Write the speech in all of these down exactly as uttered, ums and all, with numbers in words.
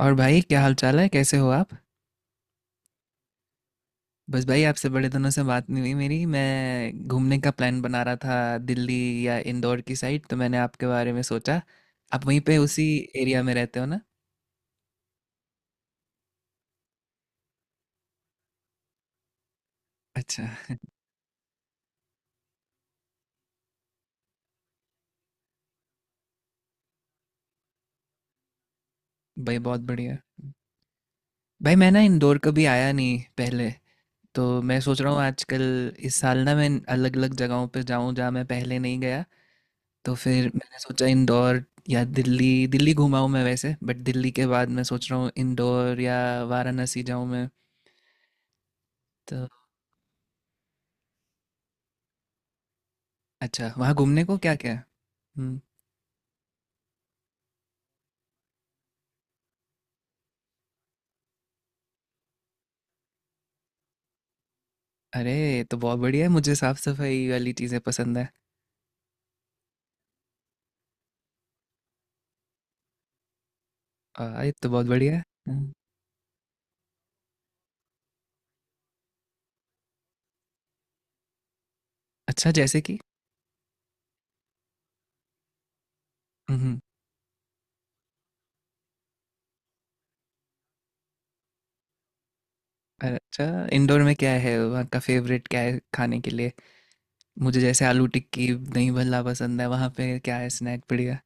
और भाई क्या हाल चाल है, कैसे हो आप। बस भाई आपसे बड़े दिनों से बात नहीं हुई मेरी। मैं घूमने का प्लान बना रहा था दिल्ली या इंदौर की साइड, तो मैंने आपके बारे में सोचा। आप वहीं पे उसी एरिया में रहते हो ना। अच्छा। भाई बहुत बढ़िया। भाई मैं ना इंदौर कभी आया नहीं पहले, तो मैं सोच रहा हूँ आजकल इस साल ना मैं अलग अलग जगहों पे जाऊँ जहाँ मैं पहले नहीं गया। तो फिर मैंने सोचा इंदौर या दिल्ली। दिल्ली घुमा हूँ मैं वैसे, बट दिल्ली के बाद मैं सोच रहा हूँ इंदौर या वाराणसी जाऊँ मैं। तो अच्छा वहाँ घूमने को क्या क्या है। हम्म। अरे ये तो बहुत बढ़िया है, मुझे साफ सफाई वाली चीज़ें पसंद है। आ, ये तो बहुत बढ़िया है। हम्म। अच्छा जैसे कि। हम्म। अरे, अच्छा इंडोर में क्या है, वहाँ का फेवरेट क्या है खाने के लिए। मुझे जैसे आलू टिक्की दही भल्ला पसंद है, वहाँ पे क्या है स्नैक बढ़िया।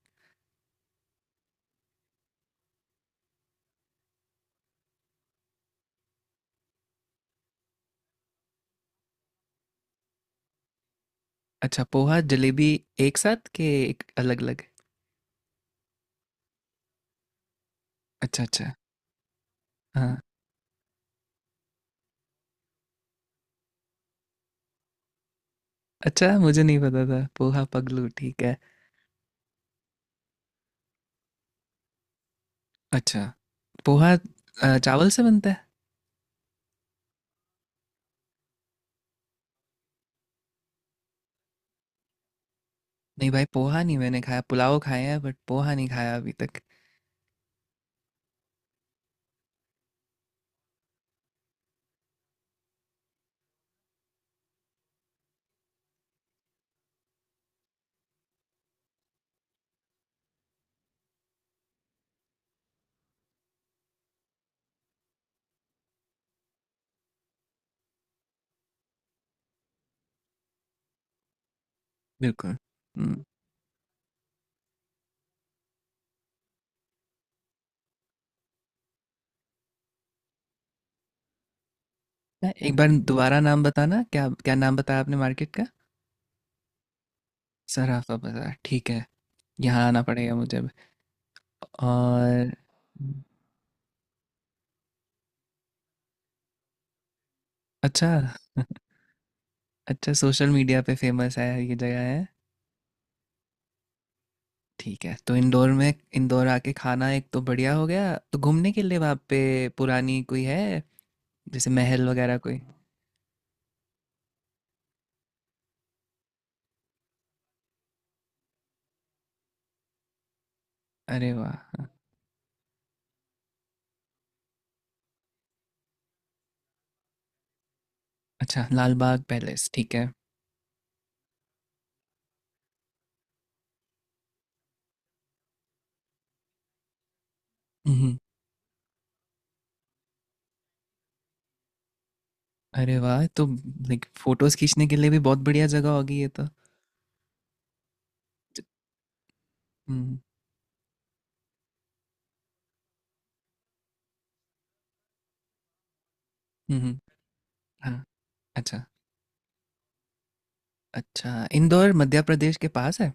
अच्छा पोहा जलेबी एक साथ के एक अलग अलग। अच्छा अच्छा। हाँ। अच्छा मुझे नहीं पता था पोहा पगलू। ठीक है। अच्छा पोहा अ, चावल से बनता है। नहीं भाई पोहा नहीं मैंने खाया, पुलाव खाया है बट पोहा नहीं खाया अभी तक। बिल्कुल। हम्म। ना, एक बार दोबारा नाम बताना, क्या क्या नाम बताया आपने मार्केट का। सराफा बाजार ठीक है। यहाँ आना पड़ेगा मुझे अब। और अच्छा। अच्छा सोशल मीडिया पे फेमस है ये जगह है। ठीक है तो इंदौर में, इंदौर आके खाना एक तो बढ़िया हो गया, तो घूमने के लिए वहाँ पे पुरानी कोई है, जैसे महल वगैरह कोई। अरे वाह, हाँ। अच्छा लाल बाग पैलेस ठीक है। हम्म। अरे वाह, तो लाइक फोटोज खींचने के लिए भी बहुत बढ़िया जगह होगी ये तो। हम्म हम्म। हम्म। हाँ। अच्छा अच्छा। इंदौर मध्य प्रदेश के पास है।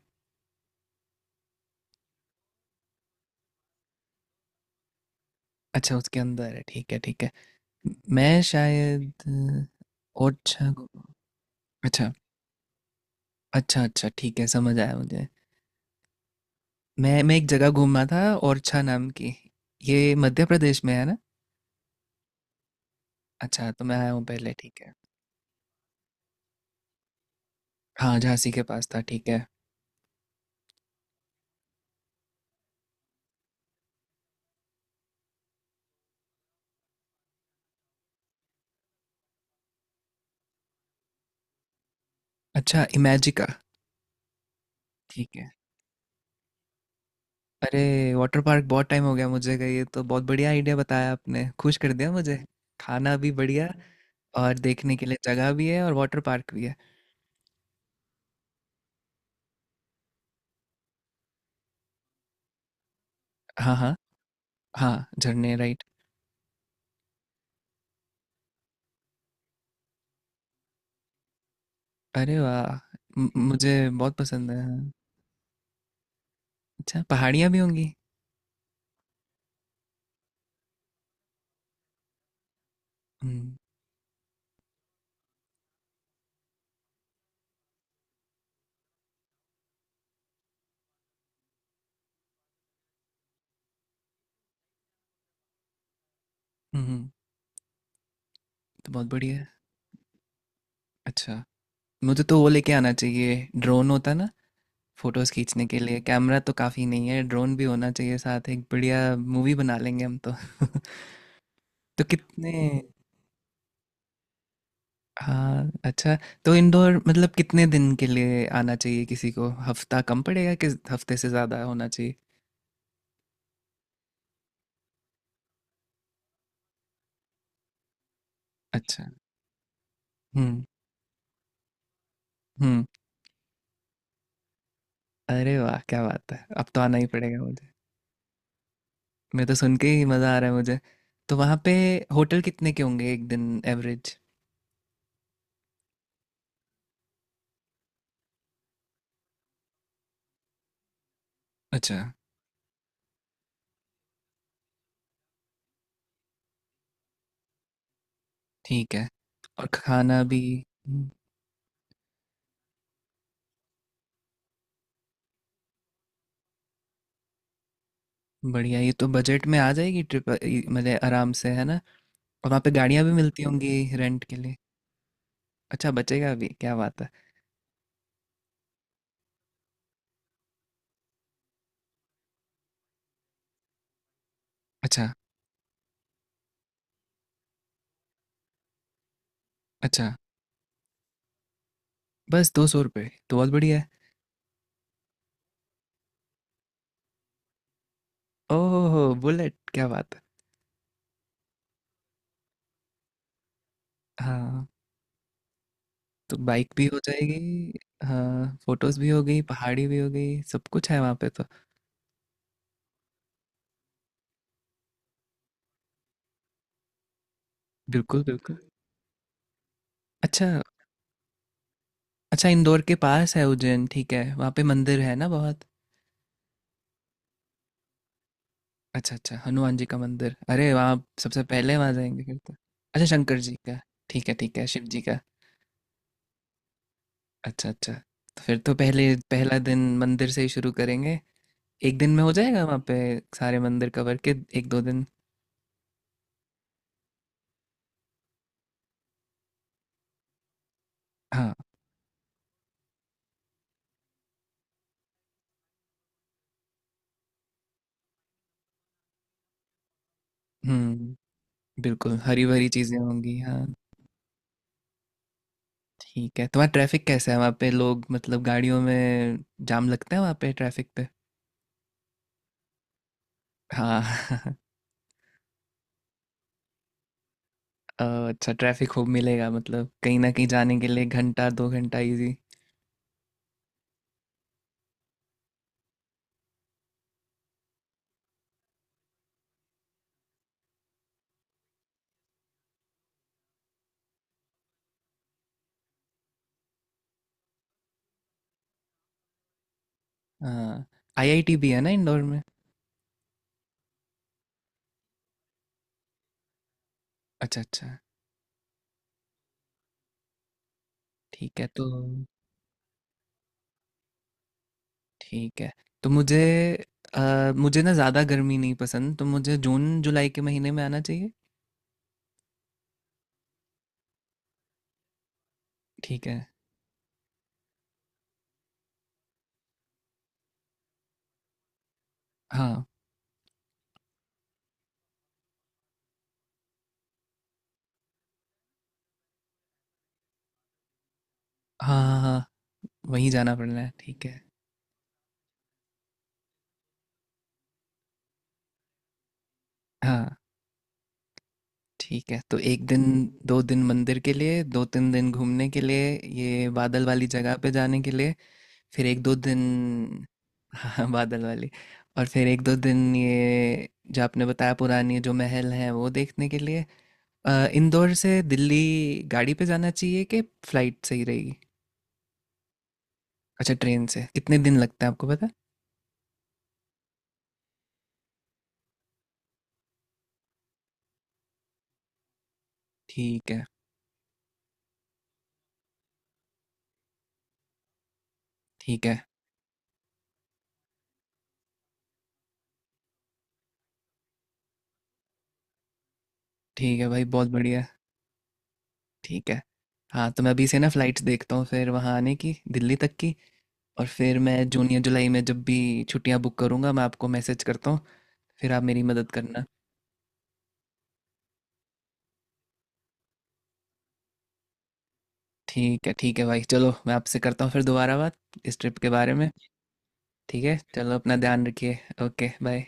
अच्छा उसके अंदर है, ठीक है ठीक है। मैं शायद अ, ओरछा घू- अच्छा अच्छा अच्छा, ठीक है समझ आया मुझे। मैं मैं एक जगह घूमा था, ओरछा नाम की। ये मध्य प्रदेश में है ना। अच्छा तो मैं आया हूँ पहले, ठीक है। हाँ झांसी के पास था, ठीक है। अच्छा इमेजिका ठीक है। अरे वाटर पार्क बहुत टाइम हो गया मुझे गए, ये तो बहुत बढ़िया आइडिया बताया आपने, खुश कर दिया मुझे। खाना भी बढ़िया, और देखने के लिए जगह भी है, और वाटर पार्क भी है। हाँ हाँ। हाँ झरने राइट। अरे वाह, म- मुझे बहुत पसंद है हाँ। अच्छा पहाड़ियाँ भी होंगी। हम्म। हम्म। तो बहुत बढ़िया है। अच्छा मुझे तो वो लेके आना चाहिए ड्रोन, होता ना फोटोज खींचने के लिए कैमरा तो काफ़ी नहीं है, ड्रोन भी होना चाहिए साथ, एक बढ़िया मूवी बना लेंगे हम तो तो कितने। हाँ, अच्छा। तो इंदौर मतलब कितने दिन के लिए आना चाहिए किसी को? हफ्ता कम पड़ेगा कि हफ्ते से ज़्यादा होना चाहिए? अच्छा। हुँ, हुँ। अरे वाह! क्या बात है। अब तो आना ही पड़ेगा मुझे। मैं तो सुन के ही मज़ा आ रहा है मुझे। तो वहाँ पे होटल कितने के होंगे एक दिन एवरेज? अच्छा, ठीक है। और खाना भी। हुँ। बढ़िया, ये तो बजट में आ जाएगी ट्रिप अ, इ मतलब आराम से, है ना? और वहाँ पे गाड़ियाँ भी मिलती होंगी रेंट के लिए? अच्छा बचेगा भी, क्या बात है। अच्छा, अच्छा। बस दो सौ रुपये तो बहुत बढ़िया है। ओह बुलेट, क्या बात है। हाँ तो बाइक भी हो जाएगी। हाँ फोटोज भी हो गई, पहाड़ी भी हो गई, सब कुछ है वहाँ पे तो। बिल्कुल बिल्कुल। अच्छा अच्छा इंदौर के पास है उज्जैन, ठीक है। वहाँ पे मंदिर है ना बहुत। अच्छा अच्छा हनुमान जी का मंदिर, अरे वहाँ सबसे पहले वहाँ जाएंगे फिर तो। अच्छा शंकर जी का, ठीक है ठीक है शिव जी का। अच्छा अच्छा। तो फिर तो पहले पहला दिन मंदिर से ही शुरू करेंगे। एक दिन में हो जाएगा वहाँ पे सारे मंदिर कवर के, एक दो दिन। हाँ। हम्म। बिल्कुल हरी भरी चीजें होंगी हाँ। ठीक है, तुम्हारा ट्रैफिक कैसा है वहाँ पे, लोग मतलब गाड़ियों में जाम लगता है वहाँ पे ट्रैफिक पे। हाँ अ, अच्छा ट्रैफिक खूब मिलेगा, मतलब कहीं ना कहीं जाने के लिए घंटा दो घंटा इजी। हाँ आईआईटी भी है ना इंदौर में। अच्छा अच्छा। ठीक है तो। ठीक है तो मुझे, अ, मुझे ना ज़्यादा गर्मी नहीं पसंद, तो मुझे जून जुलाई के महीने में आना चाहिए। ठीक है। हाँ। हाँ हाँ हाँ। वहीं जाना पड़ना है, ठीक है। हाँ ठीक है, तो एक दिन दो दिन मंदिर के लिए, दो तीन दिन घूमने के लिए, ये बादल वाली जगह पे जाने के लिए, फिर एक दो दिन। हाँ बादल वाली। और फिर एक दो दिन ये जो आपने बताया पुरानी जो महल है वो देखने के लिए। अ, इंदौर से दिल्ली गाड़ी पे जाना चाहिए कि फ्लाइट सही रहेगी। अच्छा ट्रेन से कितने दिन लगते हैं आपको पता। ठीक है। ठीक है ठीक है भाई बहुत बढ़िया। ठीक है, हाँ तो मैं अभी से ना फ्लाइट्स देखता हूँ फिर वहाँ आने की दिल्ली तक की। और फिर मैं जून या जुलाई में जब भी छुट्टियां बुक करूंगा, मैं आपको मैसेज करता हूँ, फिर आप मेरी मदद करना। ठीक है ठीक है भाई, चलो मैं आपसे करता हूँ फिर दोबारा बात, इस ट्रिप के बारे में। ठीक है चलो अपना ध्यान रखिए। Okay bye.